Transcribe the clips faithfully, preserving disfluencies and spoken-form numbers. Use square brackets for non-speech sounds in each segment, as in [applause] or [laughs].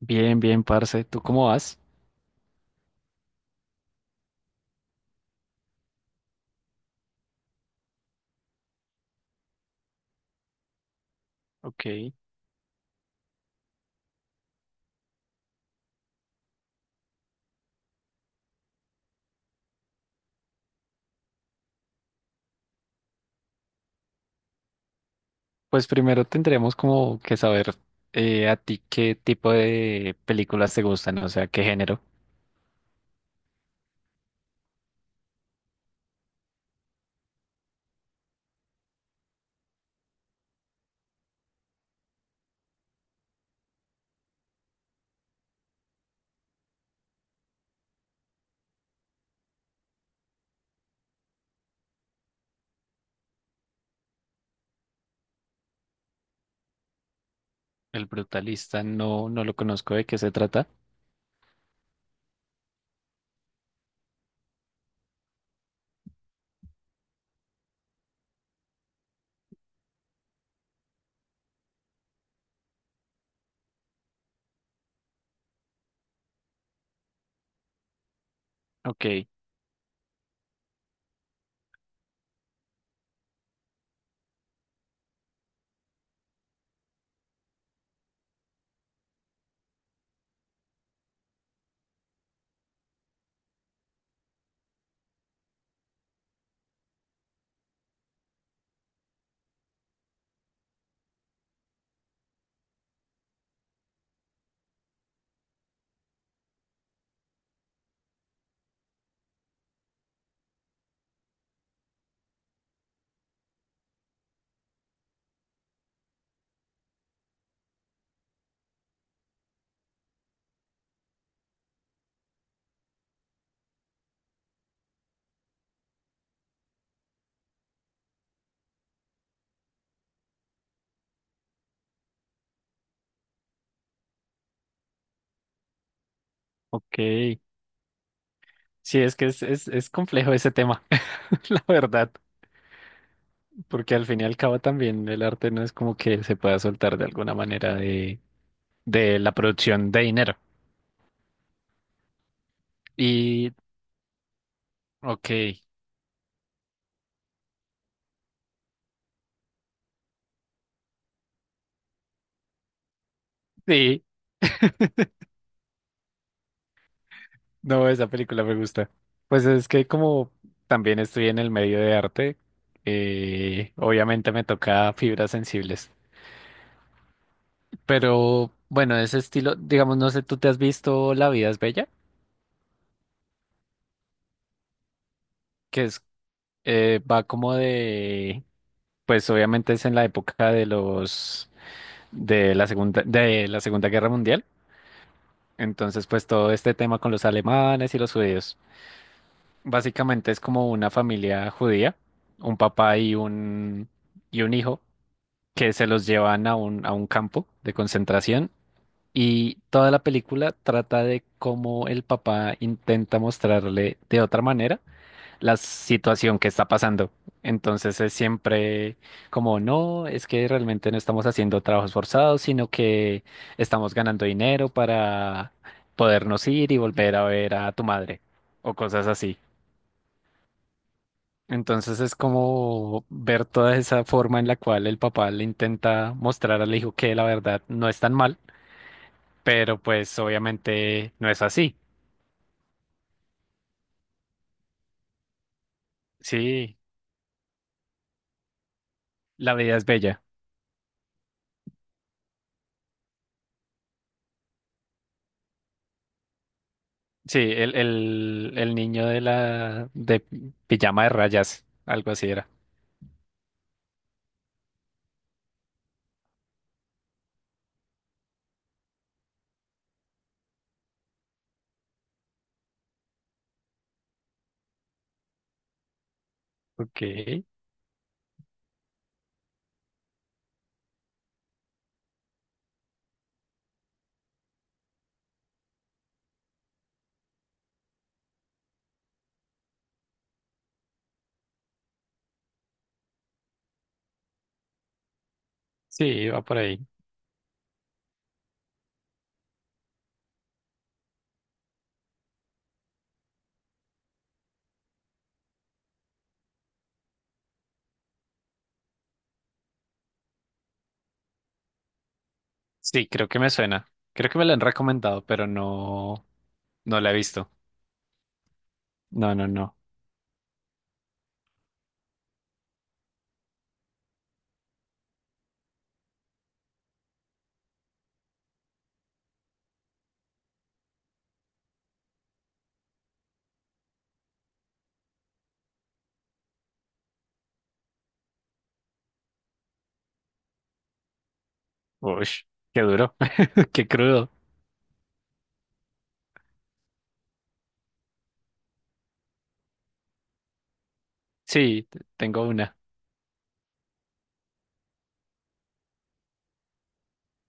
Bien, bien, parce. ¿Tú cómo vas? Ok. Pues primero tendremos como que saber eh, a ti qué tipo de películas te gustan, o sea, qué género. El brutalista no, no lo conozco de qué se trata. Ok, ok. Sí, es que es, es, es complejo ese tema, [laughs] la verdad, porque al fin y al cabo también el arte no es como que se pueda soltar de alguna manera de, de la producción de dinero. Y, ok, sí, no, esa película me gusta. Pues es que como también estoy en el medio de arte, eh, obviamente me toca fibras sensibles. Pero bueno, ese estilo, digamos, no sé, ¿tú te has visto La vida es bella? Que es, eh, va como de, pues obviamente es en la época de los, de la segunda, de la Segunda Guerra Mundial. Entonces, pues todo este tema con los alemanes y los judíos. Básicamente es como una familia judía, un papá y un, y un hijo, que se los llevan a un, a un campo de concentración, y toda la película trata de cómo el papá intenta mostrarle de otra manera la situación que está pasando. Entonces es siempre como, no, es que realmente no estamos haciendo trabajos forzados, sino que estamos ganando dinero para podernos ir y volver a ver a tu madre o cosas así. Entonces es como ver toda esa forma en la cual el papá le intenta mostrar al hijo que la verdad no es tan mal, pero pues obviamente no es así. Sí, la vida es bella. Sí, el, el, el niño de la de pijama de rayas, algo así era. Ok, sí, va por ahí. Sí, creo que me suena. Creo que me lo han recomendado, pero no, no la he visto. No, no, no. Uy, qué duro, [laughs] qué crudo. Sí, t- tengo una.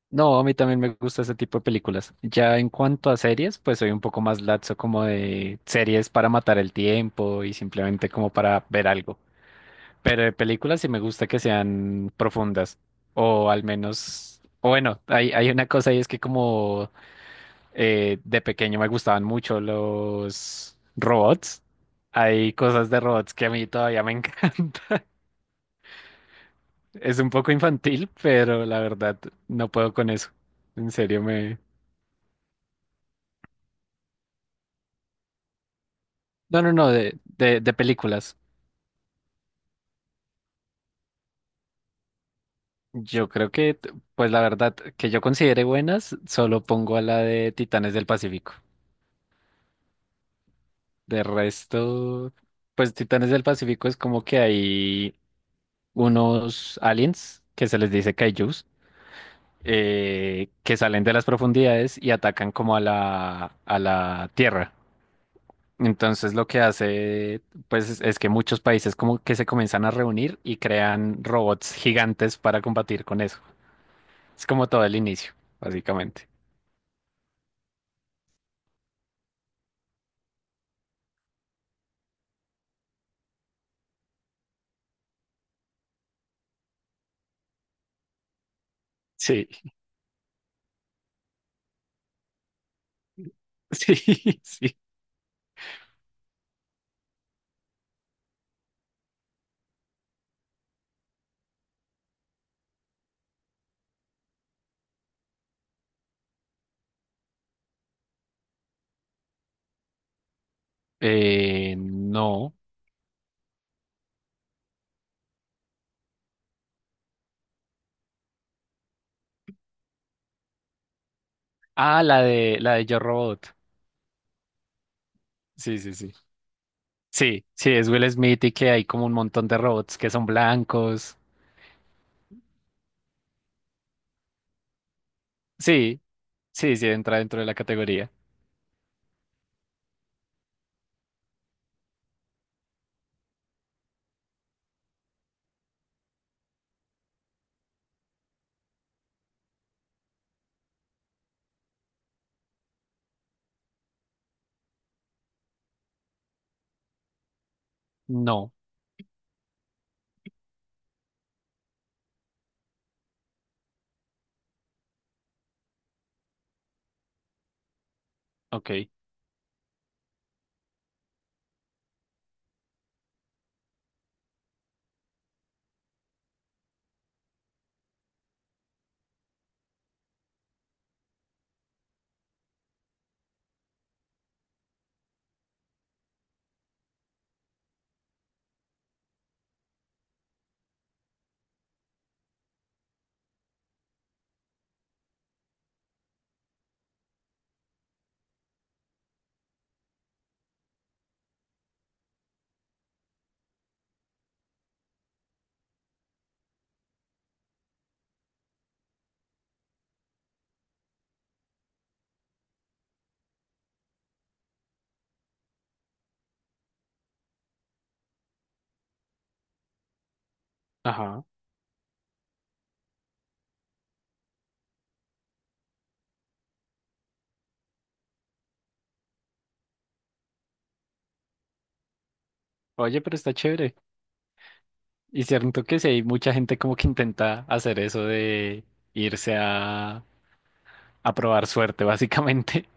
No, a mí también me gusta ese tipo de películas. Ya en cuanto a series, pues soy un poco más laxo como de series para matar el tiempo y simplemente como para ver algo. Pero de películas sí me gusta que sean profundas o al menos, o bueno, hay, hay una cosa y es que como eh, de pequeño me gustaban mucho los robots. Hay cosas de robots que a mí todavía me encantan. [laughs] Es un poco infantil, pero la verdad no puedo con eso. En serio me... No, no, no, de, de, de películas. Yo creo que, t- pues la verdad, que yo considere buenas, solo pongo a la de Titanes del Pacífico. De resto, pues Titanes del Pacífico es como que hay unos aliens que se les dice kaijus, eh, que salen de las profundidades y atacan como a la, a la Tierra. Entonces lo que hace, pues, es es que muchos países como que se comienzan a reunir y crean robots gigantes para combatir con eso. Es como todo el inicio, básicamente. Sí, [laughs] sí, sí. Eh, no. Ah, la de la de Yo Robot. Sí, sí, sí. Sí, sí, es Will Smith y que hay como un montón de robots que son blancos. Sí, sí, sí, entra dentro de la categoría. No, ok. Ajá. Oye, pero está chévere. Y cierto que sí, hay mucha gente como que intenta hacer eso de irse a, a probar suerte, básicamente,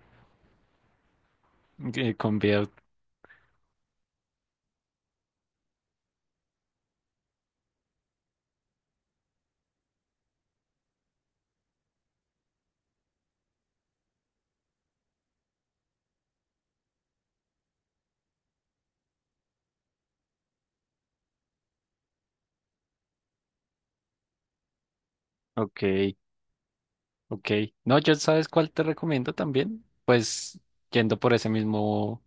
[laughs] eh, con videos. Ok, ok. No, yo sabes cuál te recomiendo también. Pues yendo por ese mismo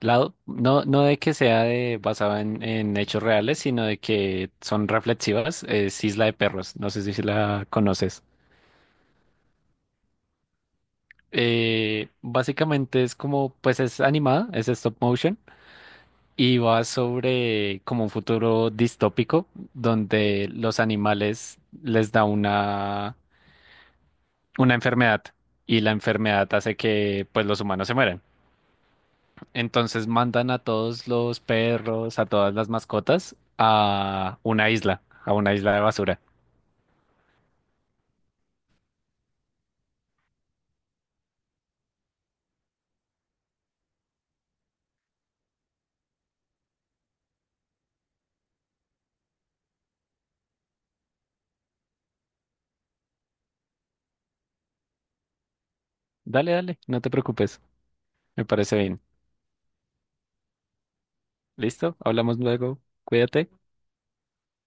lado. No, no de que sea de, basada en, en hechos reales, sino de que son reflexivas. Es Isla de Perros. No sé si si la conoces. Eh, básicamente es como, pues es animada, es stop motion y va sobre como un futuro distópico donde los animales les da una, una enfermedad y la enfermedad hace que pues los humanos se mueran. Entonces mandan a todos los perros, a todas las mascotas, a una isla, a una isla de basura. Dale, dale, no te preocupes. Me parece bien. ¿Listo? Hablamos luego. Cuídate.